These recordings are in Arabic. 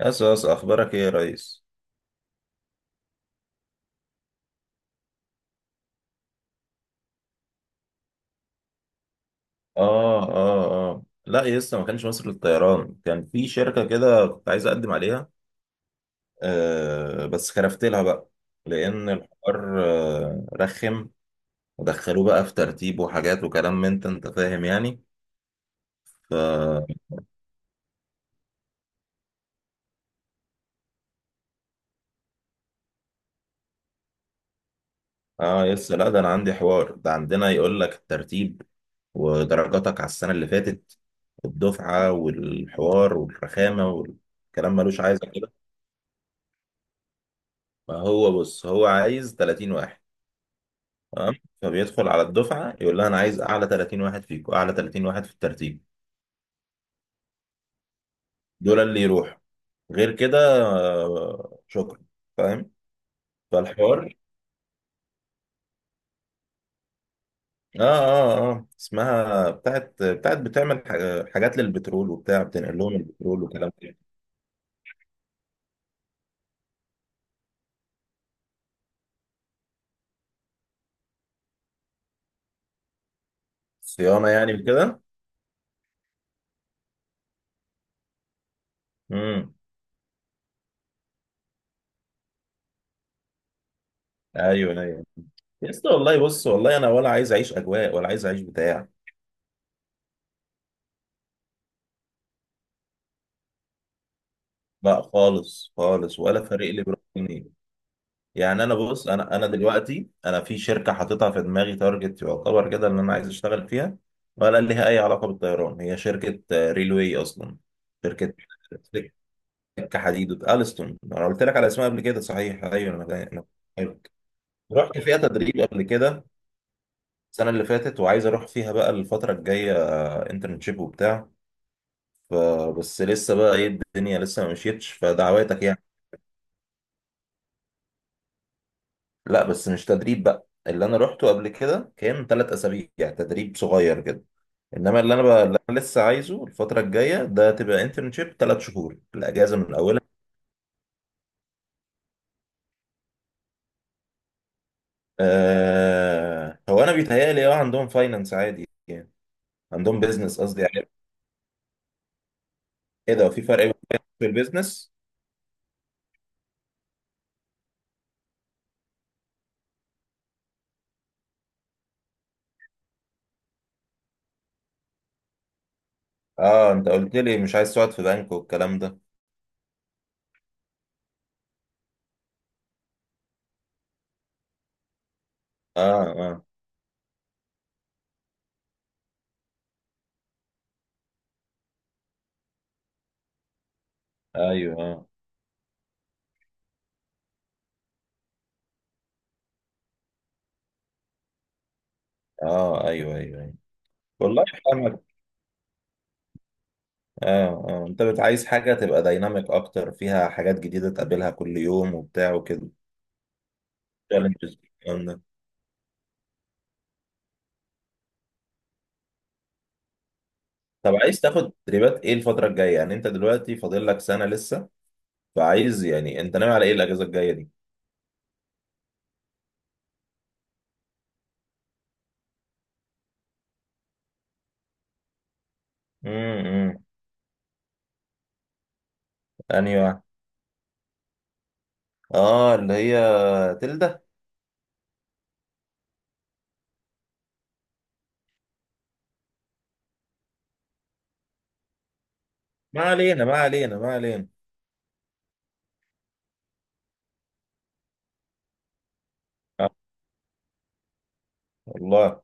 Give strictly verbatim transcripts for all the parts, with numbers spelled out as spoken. يس يس، اخبارك ايه يا ريس؟ اه اه اه، لا يس، ما كانش مصر للطيران. كان في شركه كده كنت عايز اقدم عليها. آه بس خرفت لها بقى. لان الحوار آه رخم، ودخلوه بقى في ترتيب وحاجات وكلام من انت انت فاهم يعني. ف اه يس، لا ده انا عندي حوار. ده عندنا يقول لك الترتيب ودرجاتك على السنه اللي فاتت والدفعه والحوار والرخامه والكلام، ملوش عايزه كده. ما هو بص، هو عايز ثلاثين واحد، تمام. فبيدخل على الدفعه يقول لها انا عايز اعلى تلاتين واحد فيكم، اعلى تلاتين واحد في الترتيب. دول اللي يروحوا. غير كده آه، شكرا. فاهم. فالحوار... اه اه اه اسمها بتاعت بتاعت بتعمل ح- حاجات للبترول وبتاع، بتنقل لهم البترول وكلام كده. صيانه يعني وكده. امم. ايوه ايوه. يا اسطى والله، بص، والله انا ولا عايز اعيش اجواء ولا عايز اعيش بتاع. لا خالص خالص، ولا فارق لي بروح منين. يعني انا بص، انا انا دلوقتي انا في شركه حاططها في دماغي تارجت، يعتبر كده ان انا عايز اشتغل فيها، ولا ليها اي علاقه بالطيران. هي شركه آه، ريلوي اصلا. شركه سكه حديد الستون. انا قلت لك على اسمها قبل كده، صحيح؟ ايوه انا... أنا- أيوة. رحت فيها تدريب قبل كده، السنه اللي فاتت، وعايز اروح فيها بقى الفتره الجايه انترنشيب وبتاع. ف- بس لسه بقى ايه، الدنيا لسه ما مشيتش، فدعواتك يعني. لا بس مش تدريب بقى. اللي انا روحته قبل كده كان ثلاث اسابيع، يعني تدريب صغير كده. انما اللي انا بقى اللي انا لسه عايزه الفتره الجايه ده، تبقى انترنشيب ثلاث شهور الاجازه من اولها. آه هو انا بيتهيألي اه عندهم فاينانس عادي يعني. عندهم بيزنس قصدي يعني. ايه ده، في فرق بين finance في البيزنس؟ اه انت قلت لي مش عايز تقعد في بنك والكلام ده. اه اه. ايوه. اه اه. ايوه ايوه، أيوة. والله. اه اه انت بت- عايز حاجة تبقى دايناميك اكتر، فيها حاجات جديدة تقابلها كل يوم وبتاع وكده، challenges والكلام ده. طب عايز تاخد تدريبات ايه الفترة الجاية؟ يعني انت دلوقتي فاضل لك سنة لسه. فعايز يعني، انت ناوي على ايه الاجازة الجاية دي؟ امم. انهي واحد؟ اه اللي هي تلدة. ما علينا، ما علينا، ما علينا. اه والله.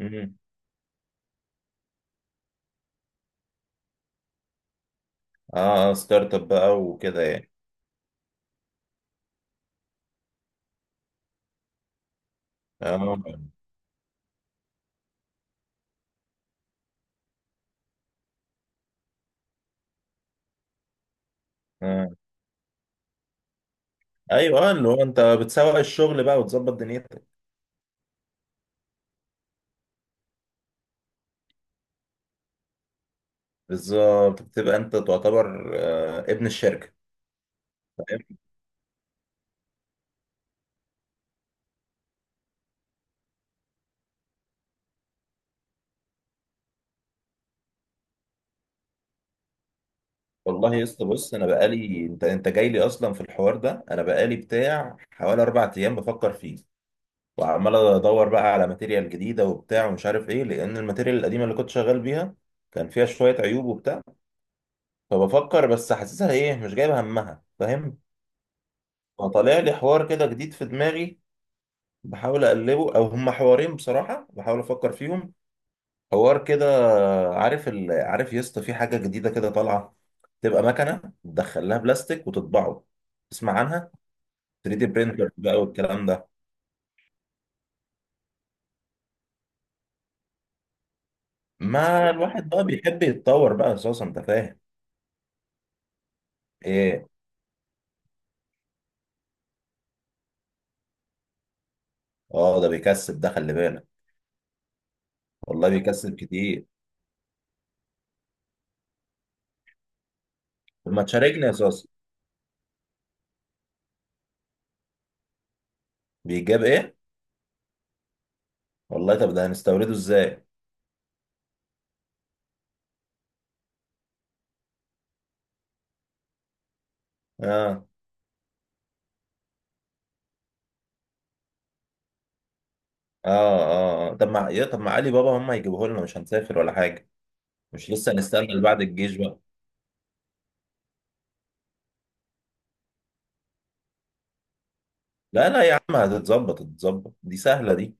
امم. اه، ستارت اب بقى وكده يعني. اه اه. ايوه آه، اللي هو انت بتسوق الشغل بقى وتظبط دنيتك. بالظبط، بتبقى انت تعتبر آه، ابن الشركه. فاهم. والله يا اسطى بص، انا بقالي... انت انت جاي لي اصلا في الحوار ده. انا بقالي بتاع حوالي اربع ايام بفكر فيه، وعمال ادور بقى على ماتيريال جديده وبتاع ومش عارف ايه، لان الماتيريال القديمه اللي كنت شغال بيها كان فيها شويه عيوب وبتاع. فبفكر بس، حاسسها ايه، مش جايبه همها، فاهم. فطالع لي حوار كده جديد في دماغي، بحاول اقلبه، او هما حوارين بصراحه بحاول افكر فيهم. حوار كده، عارف ال... عارف يا اسطى، في حاجه جديده كده طالعه، تبقى مكنه تدخل لها بلاستيك وتطبعه، تسمع عنها؟ تلاته دي برينتر بقى والكلام ده. ما الواحد بقى بيحب يتطور بقى اساسا، انت فاهم. ايه؟ اه ده بيكسب، ده خلي بالك. والله بيكسب كتير. طب ما تشاركني يا اساسا. بيجاب ايه؟ والله، طب ده هنستورده ازاي؟ اه اه اه. آه. طب ما، يا طب ما، علي بابا هم هيجيبوه لنا، مش هنسافر ولا حاجه. مش لسه هنستنى لبعد الجيش؟ لا لا يا عم، هتتظبط هتتظبط، دي سهله دي.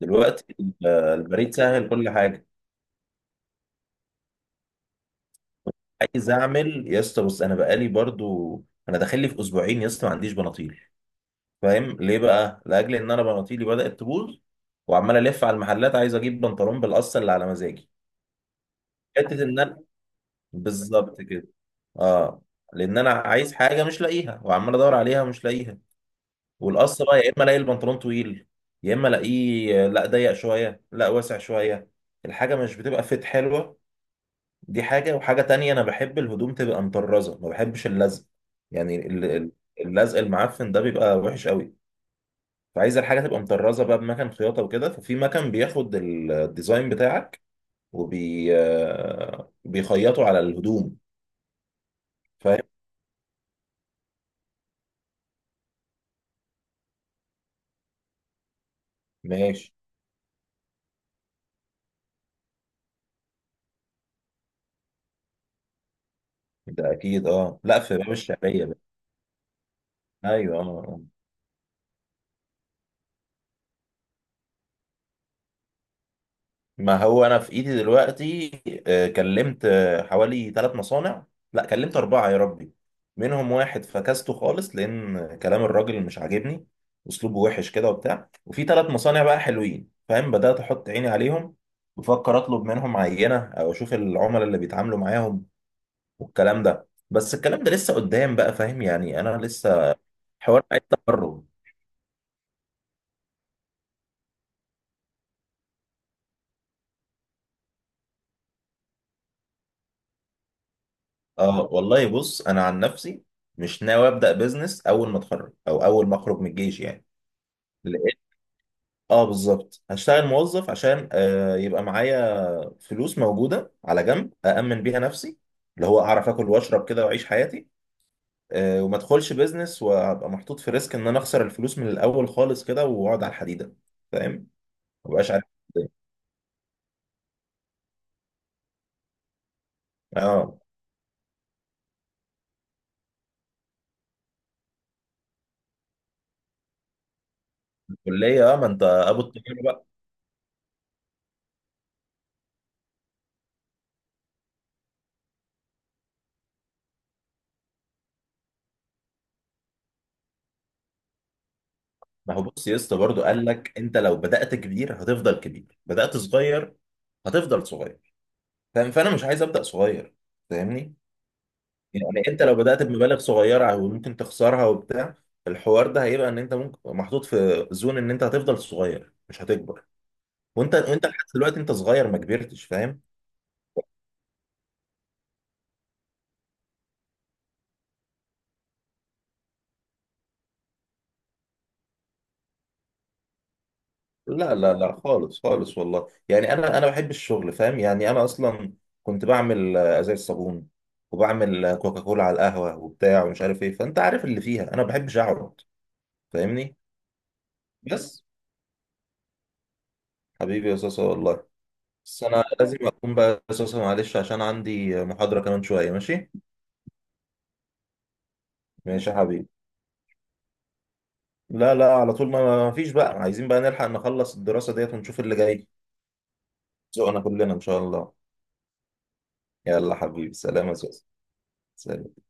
دلوقتي ال- البريد سهل، كل حاجه. عايز اعمل يا اسطى بص. انا بقالي برضو، انا داخل لي في اسبوعين يا اسطى ما عنديش بناطيل. فاهم ليه بقى؟ لاجل ان انا بناطيلي بدات تبوظ، وعمال الف على المحلات عايز اجيب بنطلون بالقصه اللي على مزاجي. حته ان انا... بالظبط كده. اه، لان انا عايز حاجه مش لاقيها، وعمال ادور عليها ومش لاقيها. والقص بقى، يا اما الاقي البنطلون طويل، يا اما الاقيه لا ضيق شويه لا واسع شويه، الحاجه مش بتبقى فيت حلوه. دي حاجه. وحاجه تانية، انا بحب الهدوم تبقى مطرزه، ما بحبش اللزق. يعني ال- ال- اللزق المعفن ده بيبقى وحش قوي. فعايز الحاجه تبقى مطرزه بقى بمكان خياطه وكده. ففي مكان بياخد ال- الديزاين بتاعك، وبي آه، بيخيطه على الهدوم. فاهم. ماشي. ده اكيد اه. لا في باب الشعريه بقى. ايوه اه. آه. ما هو انا في ايدي دلوقتي. آه، كلمت آه، حوالي ثلاث مصانع. لا كلمت اربعه، يا ربي. منهم واحد فكسته خالص لان كلام الراجل مش عاجبني، اسلوبه وحش كده وبتاع. وفي ثلاث مصانع بقى حلوين، فاهم، بدات احط عيني عليهم. بفكر اطلب منهم عينه، او اشوف العملاء اللي بيتعاملوا معاهم والكلام ده. بس الكلام ده لسه قدام بقى، فاهم يعني. انا لسه... حوار عايز تخرج. اه والله بص، انا عن نفسي مش ناوي ابدا بزنس اول ما اتخرج، او اول ما اخرج من الجيش يعني. لقيت. اه بالظبط، هشتغل موظف عشان آه يبقى معايا فلوس موجوده على جنب، أأمن بيها نفسي، اللي هو اعرف اكل واشرب كده واعيش حياتي. آه وما ادخلش بيزنس وابقى محطوط في ريسك ان انا اخسر الفلوس من الاول خالص كده، واقعد على الحديده. فاهم. ما بقاش عارف إزاي. اه. الكليه اه، ما انت ابو التجارة بقى. ما هو بص يا اسطى، برضه قال لك انت لو بدأت كبير هتفضل كبير، بدأت صغير هتفضل صغير. فاهم. فانا مش عايز أبدأ صغير. فاهمني. يعني انت لو بدأت بمبالغ صغيرة وممكن تخسرها وبتاع، الحوار ده هيبقى ان انت ممكن محطوط في زون ان انت هتفضل صغير مش هتكبر. وانت وانت لحد دلوقتي انت صغير ما كبرتش، فاهم. لا لا لا خالص خالص والله، يعني انا انا بحب الشغل، فاهم يعني. انا اصلا كنت بعمل آه، ازايز صابون، وبعمل آه، كوكاكولا على القهوة وبتاع ومش عارف ايه، فانت عارف اللي فيها انا ما بحبش اقعد. فاهمني. بس. حبيبي يا صاصة والله. بس انا لازم اقوم بقى يا صاصة، معلش، عشان عندي محاضرة كمان شوية، ماشي. ماشي يا حبيبي. لا لا، على طول، ما ما فيش بقى، عايزين بقى نلحق نخلص الدراسة ديت ونشوف اللي جاي. ذوقنا كلنا إن شاء الله. يلا حبيبي سلام يا سوسن. سلام.